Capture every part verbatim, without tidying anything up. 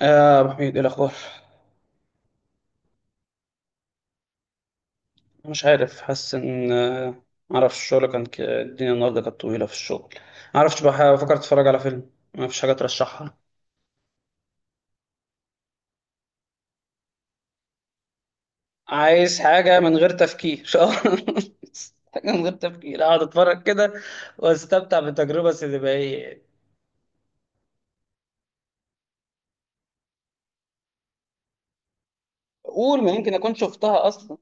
آه أبو حميد إيه الأخبار؟ مش عارف حاسس إن آه، معرفش الشغل كان ك... الدنيا النهاردة كانت طويلة في الشغل. معرفش بح... بفكر أتفرج على فيلم. مفيش حاجة ترشحها؟ عايز حاجة من غير تفكير آه، حاجة من غير تفكير أقعد أتفرج كده وأستمتع بالتجربة السينمائية. قول ما يمكن أكون شفتها أصلا.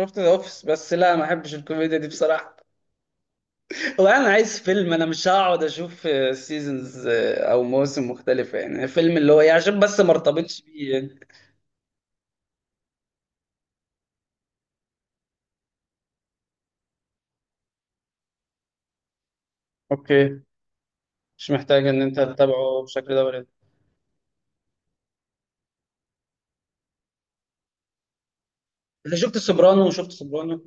شفت ذا أوفيس بس لا، ما أحبش الكوميديا دي بصراحة، وانا عايز فيلم، انا مش هقعد اشوف سيزونز او موسم مختلفه، يعني فيلم اللي هو إيه، عشان بس ما ارتبطش بيه يعني. اوكي، مش محتاج ان انت تتابعه بشكل دوري. انت شفت سوبرانو وشفت سوبرانو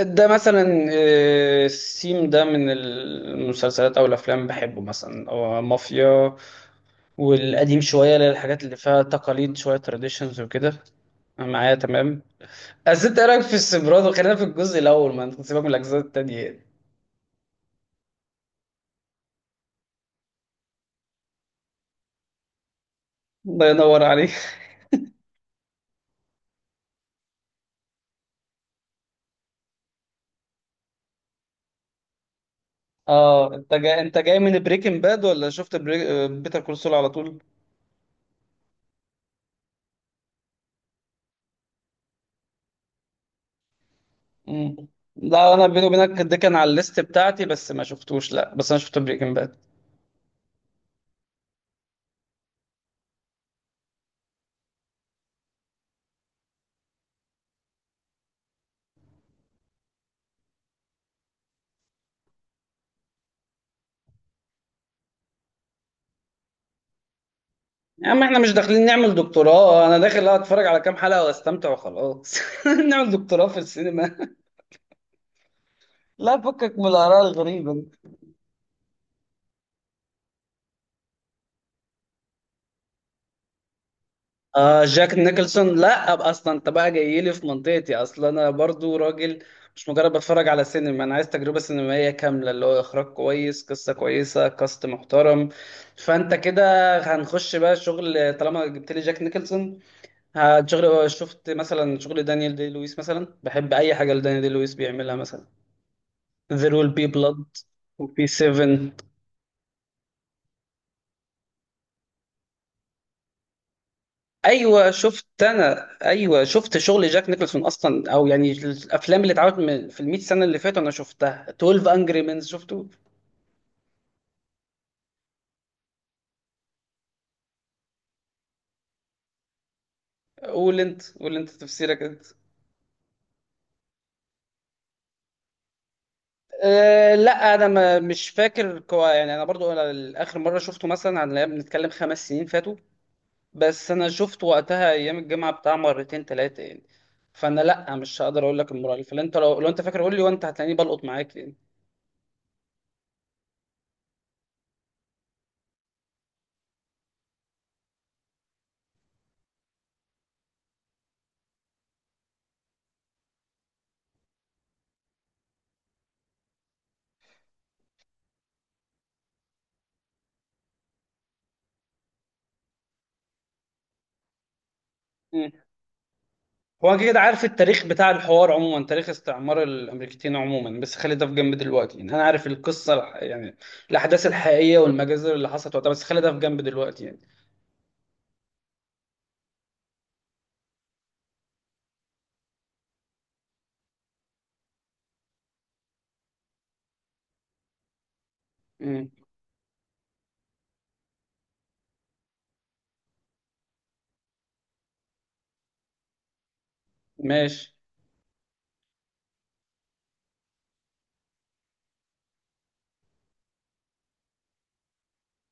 ده مثلا، آه، السيم ده من المسلسلات او الافلام بحبه مثلا، او مافيا والقديم شويه، للحاجات اللي فيها تقاليد شويه، تراديشنز وكده. أنا معايا تمام. بس انت إيه رايك في السوبرانو؟ خلينا في الجزء الاول، ما انت سيبك من الاجزاء التانية. الله ينور عليك اه انت جاي انت جاي من بريكنج باد؟ ولا شفت بريك... بيتر كول سول على طول؟ مم. لا انا بيني وبينك ده كان على الليست بتاعتي بس ما شفتوش، لا بس انا شفت بريكنج باد. يا عم احنا مش داخلين نعمل دكتوراه. أه، انا داخل اتفرج على كام حلقة واستمتع وخلاص نعمل دكتوراه في السينما؟ لا فكك من الآراء الغريبة دي. آه جاك نيكلسون، لا أبقى اصلا انت بقى جاي لي في منطقتي، اصلا انا برضو راجل مش مجرد بتفرج على سينما، انا عايز تجربة سينمائية كاملة اللي هو اخراج كويس، قصة كويسة، كاست محترم. فانت كده هنخش بقى شغل طالما جبت لي جاك نيكلسون. هتشغل، شفت مثلا شغل دانيال دي لويس مثلا؟ بحب اي حاجه لدانيال دي لويس بيعملها مثلا، There will be blood وبي سبعة. ايوه شفت، انا ايوه شفت شغل جاك نيكلسون اصلا، او يعني الافلام اللي اتعملت من- في ال مئة سنة سنه اللي فاتوا انا شفتها. تويلف انجري مينز شفته. قول انت، قول انت تفسيرك انت. أه لا، انا ما مش فاكر كوا يعني، انا برضو، انا اخر مره شفته مثلا عن بنتكلم خمس سنين فاتوا، بس انا شفت وقتها ايام الجامعه بتاع مرتين ثلاثه يعني. فانا لا مش هقدر اقول لك المره اللي فاتت. انت لو لو انت فاكر قول لي، وانت هتلاقيني بلقط معاك يعني. مم. هو انا كده عارف التاريخ بتاع الحوار عموما، تاريخ استعمار الامريكتين عموما، بس خلي ده في جنب دلوقتي يعني، انا عارف القصه الح- يعني الاحداث الحقيقيه والمجازر اللي حصلت وقتها، بس خلي ده في جنب دلوقتي يعني. مم. ماشي.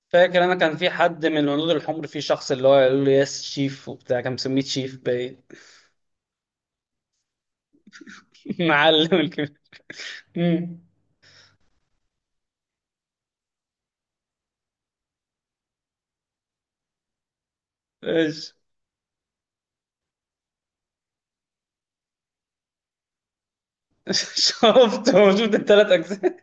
فاكر انا كان في حد من الهنود الحمر، في شخص اللي هو يقول له يس شيف وبتاع، كان مسميه شيف باين معلم الكبير. مم. ماشي شفته. شفت الثلاث اجزاء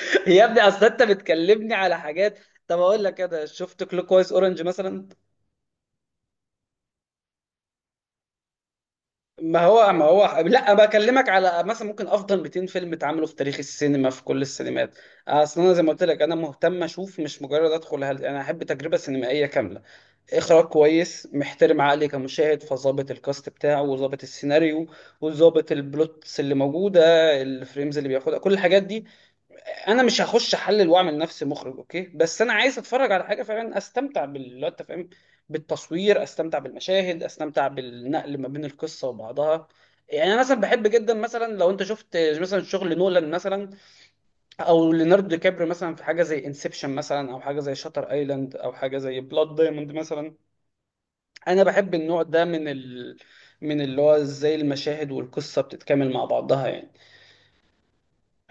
يا ابني اصل انت بتكلمني على حاجات. طب اقول لك كده، شفت كلوك وايز اورنج مثلا؟ ما هو ما هو لا بكلمك على مثلا ممكن افضل 200 فيلم اتعملوا في تاريخ السينما في كل السينمات. اصل انا زي ما قلت لك، انا مهتم اشوف، مش مجرد ادخل هل... انا احب تجربه سينمائيه كامله، اخراج كويس محترم عقلي كمشاهد، فظابط الكاست بتاعه وظابط السيناريو وظابط البلوتس اللي موجوده، الفريمز اللي بياخدها، كل الحاجات دي. انا مش هخش احلل واعمل نفسي مخرج، اوكي؟ بس انا عايز اتفرج على حاجه فعلا استمتع بال، لو انت فاهم، بالتصوير، استمتع بالمشاهد، استمتع بالنقل ما بين القصه وبعضها يعني انا مثلا بحب جدا مثلا، لو انت شفت مثلا شغل نولان مثلا، او ليوناردو دي كابريو مثلا في حاجه زي انسبشن مثلا، او حاجه زي شاتر ايلاند، او حاجه زي بلاد دايموند مثلا، انا بحب النوع ده من ال... من اللي هو ازاي المشاهد والقصه بتتكامل مع بعضها يعني.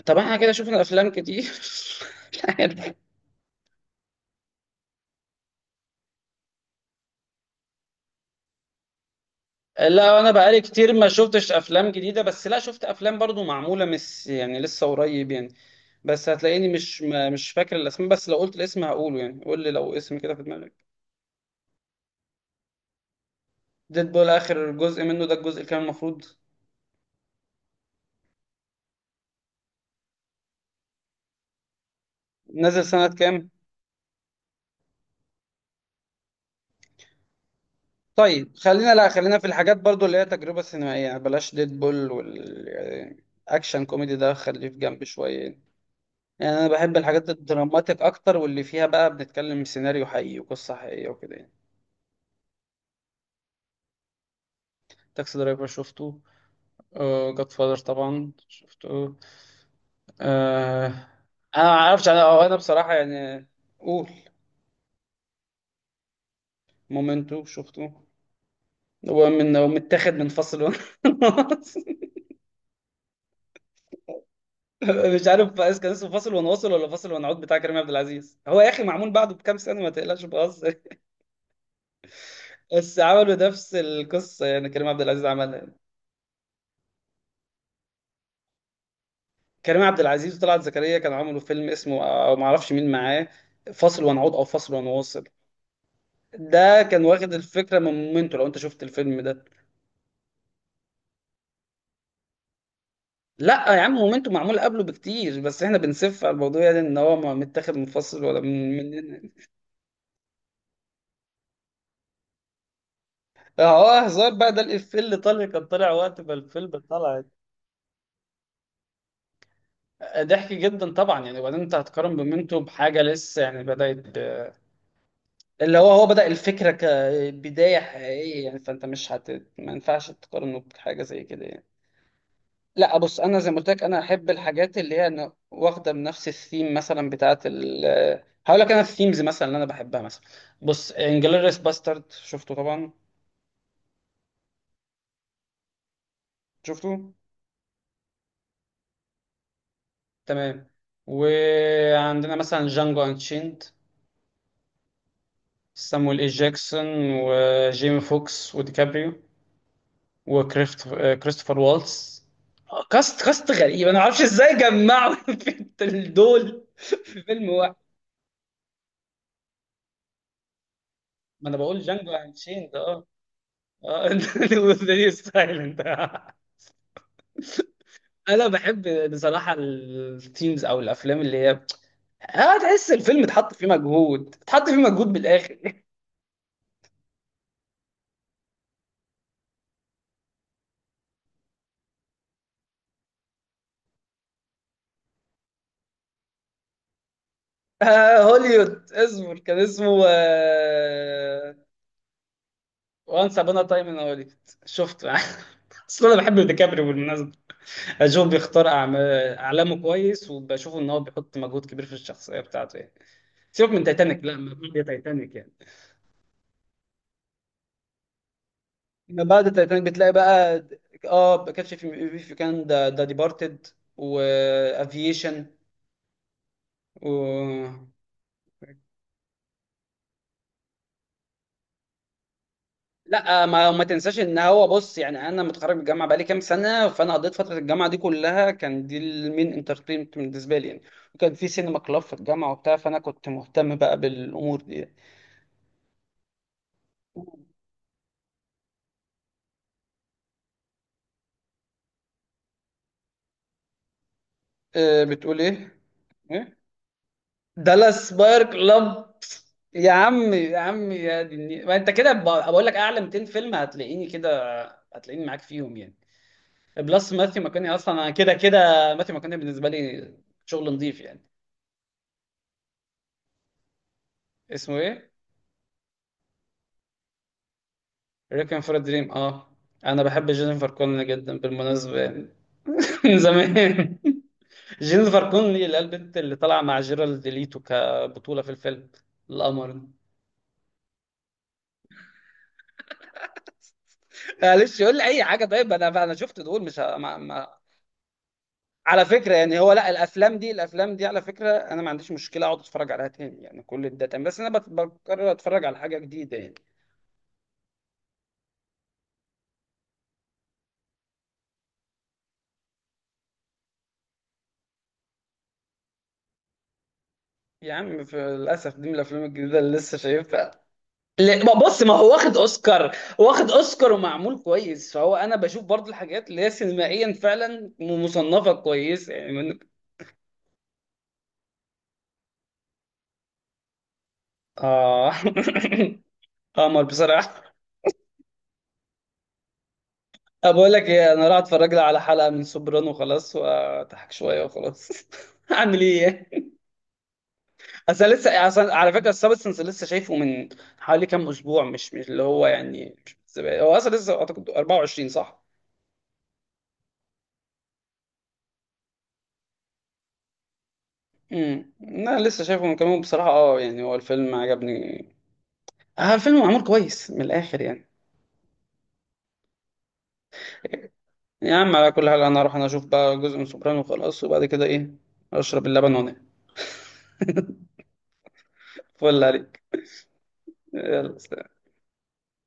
طب احنا كده شفنا افلام كتير لا، لا انا بقالي كتير ما شفتش افلام جديده، بس لا شفت افلام برضو معموله، مش يعني لسه قريب يعني، بس هتلاقيني مش ما- مش فاكر الاسماء، بس لو قلت الاسم هقوله يعني، قول لي لو اسم كده في دماغك. ديدبول، اخر جزء منه ده الجزء اللي كان المفروض، نزل سنه كام؟ طيب خلينا، لا خلينا في الحاجات برضو اللي هي تجربه سينمائيه يعني، بلاش ديدبول والاكشن كوميدي ده خليه في جنب شويه يعني. يعني انا بحب الحاجات الدراماتيك اكتر واللي فيها بقى بنتكلم سيناريو حقيقي وقصه حقيقيه وكده يعني. تاكسي درايفر شفته. جاد فاذر طبعا شفته. آه. انا ما اعرفش، انا أو انا بصراحه يعني. قول. مومنتو شفته. هو، من هو متاخد من فاصل ونواصل؟ مش عارف بس كان اسمه فاصل ونواصل ولا فاصل ونعود بتاع كريم عبد العزيز؟ هو يا اخي معمول بعده بكام سنه، ما تقلقش بهزر بس عملوا نفس القصه يعني، كريم عبد العزيز عملها يعني. كريم عبد العزيز وطلعت زكريا كانوا عملوا فيلم اسمه، او ما اعرفش مين معاه، فاصل ونعود او فاصل ونواصل، ده كان واخد الفكره من مومنتو، لو انت شفت الفيلم ده. لا يا عم، مومنتو معمول قبله بكتير، بس احنا بنسف على الموضوع يعني ان هو ما متاخد منفصل ولا من مننا. اه هزار بقى، ده الافيه اللي طالع كان طالع وقت ما الفيلم طلع، ضحك جدا طبعا يعني. وبعدين انت هتقارن مومنتو بحاجه لسه يعني بدات؟ اللي هو هو بدأ الفكره كبدايه حقيقيه يعني، فانت مش هت، ما ينفعش تقارنه بحاجه زي كده يعني. لا بص، انا زي ما قلت لك انا احب الحاجات اللي هي أنا واخده من نفس الثيم مثلا بتاعه ال، هقول لك انا الثيمز مثلا اللي انا بحبها مثلا. بص انجلوريس باسترد شفته طبعا؟ شفته؟ تمام. وعندنا مثلا جانجو انشيند، سامويل اي جاكسون وجيمي فوكس وديكابريو، وكريست كريستوفر والتس. كاست، كاست غريب انا ما اعرفش ازاي جمعوا في دول في فيلم واحد. ما انا بقول جانجو انشيند. ذا ستايل انت. انا بحب بصراحه التيمز او الافلام اللي هي، اه تحس الفيلم اتحط فيه مجهود، اتحط فيه مجهود بالاخر آه هوليوود، اصبر كان اسمه، وانس ابانا تايم ان هوليوود شفته اصل انا بحب ديكابريو بالمناسبه، اشوف بيختار أعم- اعلامه كويس وبشوف ان هو بيحط مجهود كبير في الشخصيه بتاعته يعني. سيبك من تايتانيك، لا ما بعد تايتانيك يعني. بعد التايتانيك بتلاقي بقى اه كاتش في في كان، ده ده ديبارتد وافيشن و. لا، ما ما تنساش ان هو، بص يعني انا متخرج من الجامعه بقالي كام سنه، فانا قضيت فتره الجامعه دي كلها كان دي المين انترتينمنت بالنسبه لي يعني، وكان في سينما كلاب في الجامعه وبتاع، فانا كنت مهتم بقى بالامور دي يعني. آه، بتقول ايه؟ ايه؟ دالاس باير كلاب. يا عم، يا عم يا دي النيل. ما انت كده ب- بقول لك اعلى 200 فيلم هتلاقيني كده، هتلاقيني معاك فيهم يعني. بلس ماثيو ماكوني اصلا انا كده كده. ماثيو ماكوني بالنسبه لي شغل نظيف يعني. اسمه ايه؟ ريكوين فور دريم، اه. انا بحب جينيفر كونلي جدا بالمناسبه يعني من زمان. جينيفر كونلي اللي هي البنت اللي طالعه مع جيرالد ليتو كبطوله في الفيلم، القمر ده. معلش يقول لي اي حاجه، طيب انا انا شفت دول مش ه- ما... ما... على فكره يعني هو، لا الافلام دي، الافلام دي على فكره انا ما عنديش مشكله اقعد اتفرج عليها تاني يعني، كل ده تمام، بس انا بت- بقرر اتفرج على حاجه جديده يعني. يا عم في للأسف دي من الأفلام الجديدة اللي لسه شايفها. ل- ما بص، ما هو واخد اوسكار. واخد اوسكار ومعمول كويس، فهو انا بشوف برضو الحاجات اللي هي سينمائيا فعلا م- مصنفه كويس يعني من... اه قمر بصراحه. أه، بقول لك ايه، انا راح اتفرج لي على حلقه من سوبرانو خلاص، واضحك شويه وخلاص اعمل ايه. اصل أنا لسه، اصل على فكره السبستنس لسه شايفه من حوالي كام اسبوع، مش مش اللي هو يعني مش من زمان. هو اصلا لسه اعتقد اربعة وعشرين صح. امم انا لسه شايفه من كام يوم بصراحه، اه يعني هو الفيلم عجبني. اه الفيلم معمول كويس من الاخر يعني. يا عم على كل حال انا اروح انا اشوف بقى جزء من سوبرانو وخلاص، وبعد كده ايه، اشرب اللبن وانام فل عليك. يلا سلام.